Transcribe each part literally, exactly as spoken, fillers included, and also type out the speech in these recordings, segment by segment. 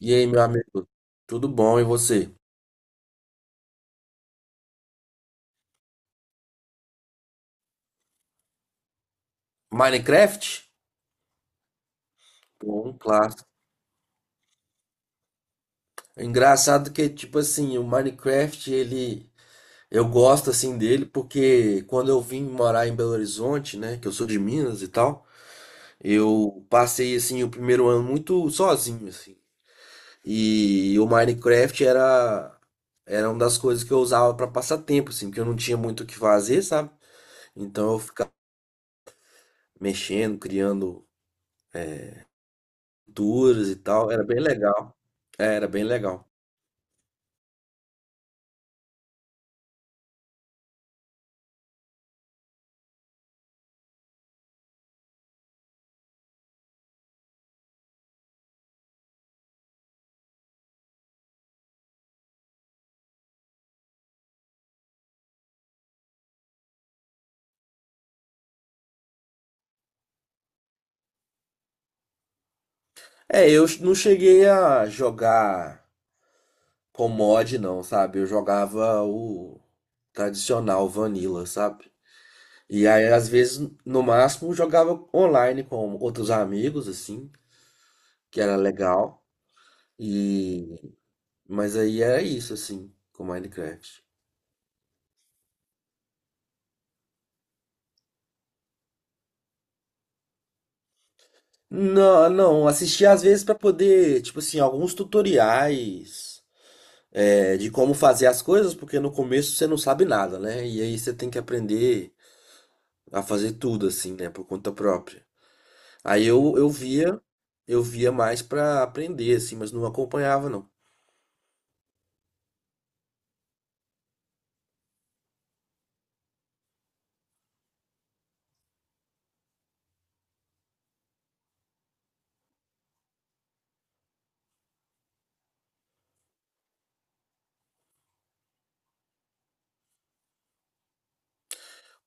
E aí, meu amigo? Tudo bom? E você? Minecraft? Bom, claro. É Engraçado que, tipo assim, o Minecraft, ele... Eu gosto, assim, dele porque quando eu vim morar em Belo Horizonte, né? Que eu sou de Minas e tal. Eu passei, assim, o primeiro ano muito sozinho, assim. E o Minecraft era... Era uma das coisas que eu usava para passar tempo, assim. Porque eu não tinha muito o que fazer, sabe? Então eu ficava mexendo, criando culturas e tal. Era bem legal. É, era bem legal. É, eu não cheguei a jogar com mod, não, sabe? Eu jogava o tradicional Vanilla, sabe? E aí, às vezes, no máximo, jogava online com outros amigos, assim, que era legal. E... Mas aí era isso, assim, com Minecraft. Não, não, assistia às vezes pra poder, tipo assim, alguns tutoriais é, de como fazer as coisas, porque no começo você não sabe nada, né? E aí você tem que aprender a fazer tudo assim, né, por conta própria. Aí eu, eu via, eu via mais pra aprender assim, mas não acompanhava não.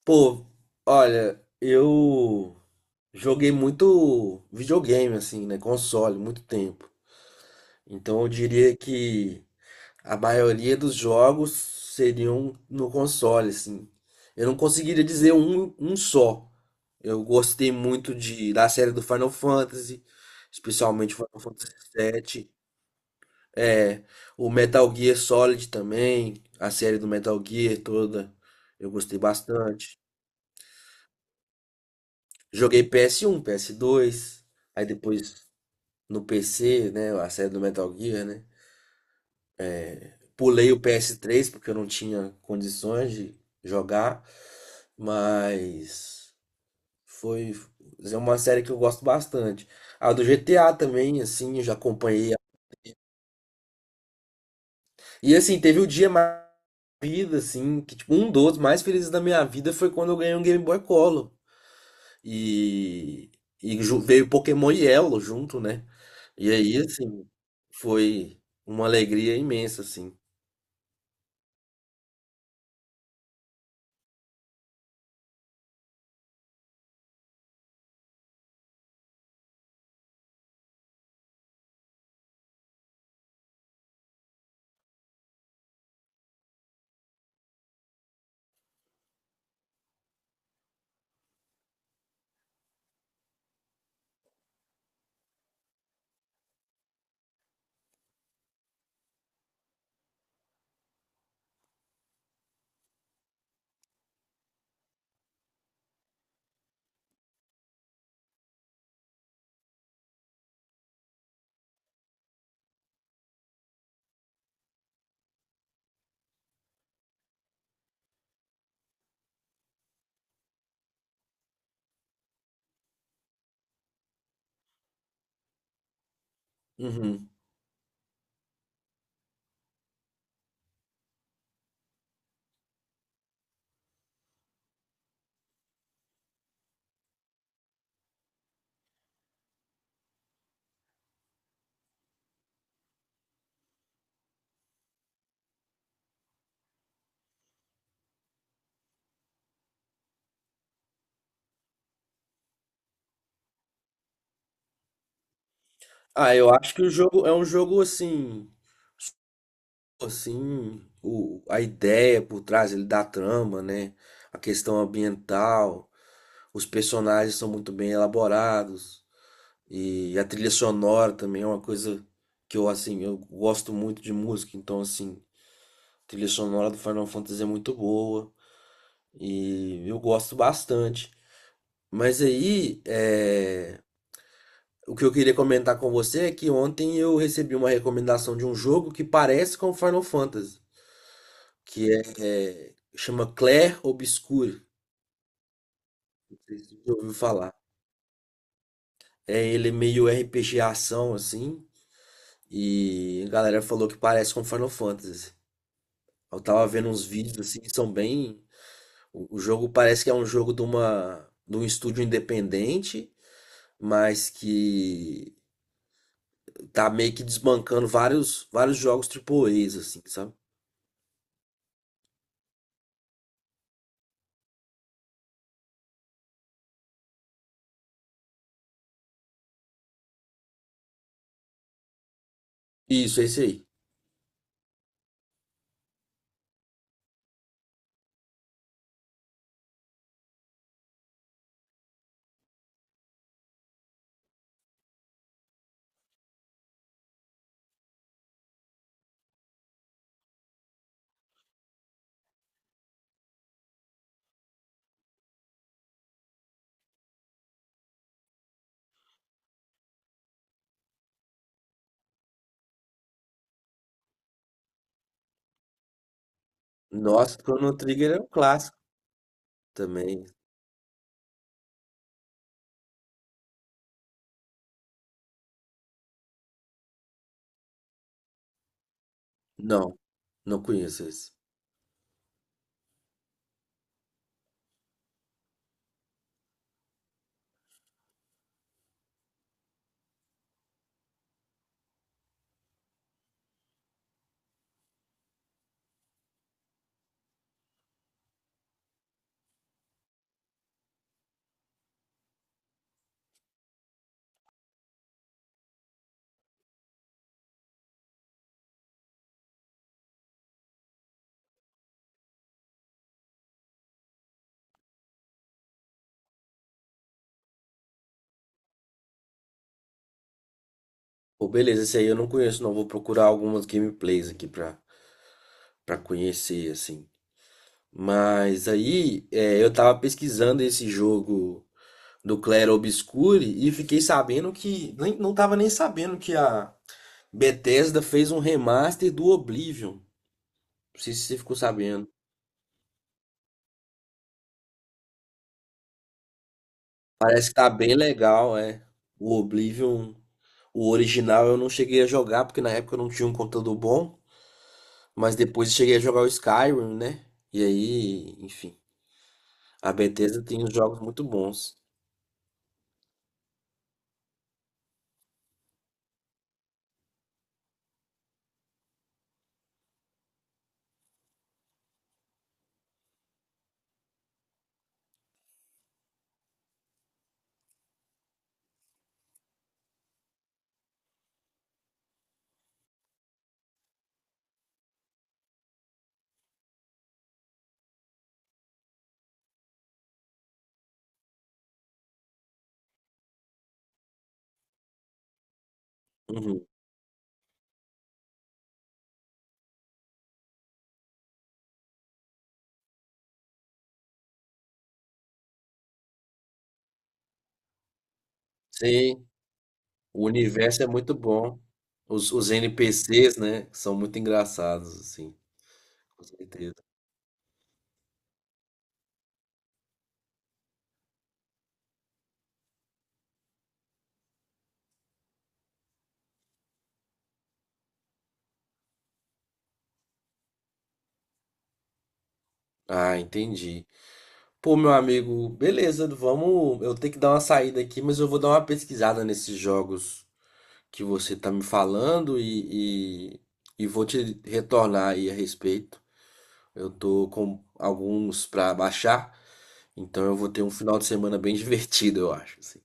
Pô, olha, eu joguei muito videogame assim, né, console, muito tempo. Então eu diria que a maioria dos jogos seriam no console assim. Eu não conseguiria dizer um, um só. Eu gostei muito de da série do Final Fantasy, especialmente Final Fantasy sete. É, o Metal Gear Solid também, a série do Metal Gear toda, eu gostei bastante. Joguei P S um, P S dois, aí depois no P C, né, a série do Metal Gear, né? Pulei o P S três porque eu não tinha condições de jogar, mas foi é uma série que eu gosto bastante. A do G T A também, assim, eu já acompanhei. E assim, teve o dia mais da minha vida, assim, que tipo, um dos mais felizes da minha vida foi quando eu ganhei um Game Boy Color. E, e ju- veio Pokémon Yellow junto, né? E aí, assim, foi uma alegria imensa, assim. Uhum. Ah, eu acho que o jogo é um jogo assim, assim, o, a ideia por trás ele da trama, né? A questão ambiental, os personagens são muito bem elaborados. E a trilha sonora também é uma coisa que eu, assim, eu gosto muito de música, então, assim, a trilha sonora do Final Fantasy é muito boa e eu gosto bastante. Mas aí, é, o que eu queria comentar com você é que ontem eu recebi uma recomendação de um jogo que parece com Final Fantasy, que é, é, chama Clair Obscur. Não sei se você já ouviu falar. É, ele é meio R P G ação, assim, e a galera falou que parece com Final Fantasy. Eu tava vendo uns vídeos assim, que são bem. O, o jogo parece que é um jogo de uma, de um estúdio independente, mas que tá meio que desbancando vários, vários jogos A A As, assim, sabe? Isso, é esse aí. Nossa, Chrono Trigger é um clássico também. Não, não conheço esse. Pô, beleza, esse aí eu não conheço, não. Vou procurar algumas gameplays aqui pra, pra conhecer, assim. Mas aí, é, eu tava pesquisando esse jogo do Clair Obscure e fiquei sabendo que nem, não tava nem sabendo que a Bethesda fez um remaster do Oblivion. Não sei se você ficou sabendo. Parece que tá bem legal, é. O Oblivion, o original eu não cheguei a jogar porque na época eu não tinha um computador bom, mas depois eu cheguei a jogar o Skyrim, né? E aí, enfim, a Bethesda tem uns jogos muito bons. Uhum. Sim, o universo é muito bom. Os, os N P Cs, né, são muito engraçados, assim, com certeza. Ah, entendi. Pô, meu amigo, beleza, vamos. Eu tenho que dar uma saída aqui, mas eu vou dar uma pesquisada nesses jogos que você tá me falando e, e, e vou te retornar aí a respeito. Eu tô com alguns pra baixar, então eu vou ter um final de semana bem divertido, eu acho, assim.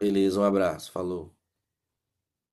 Beleza, um abraço, falou.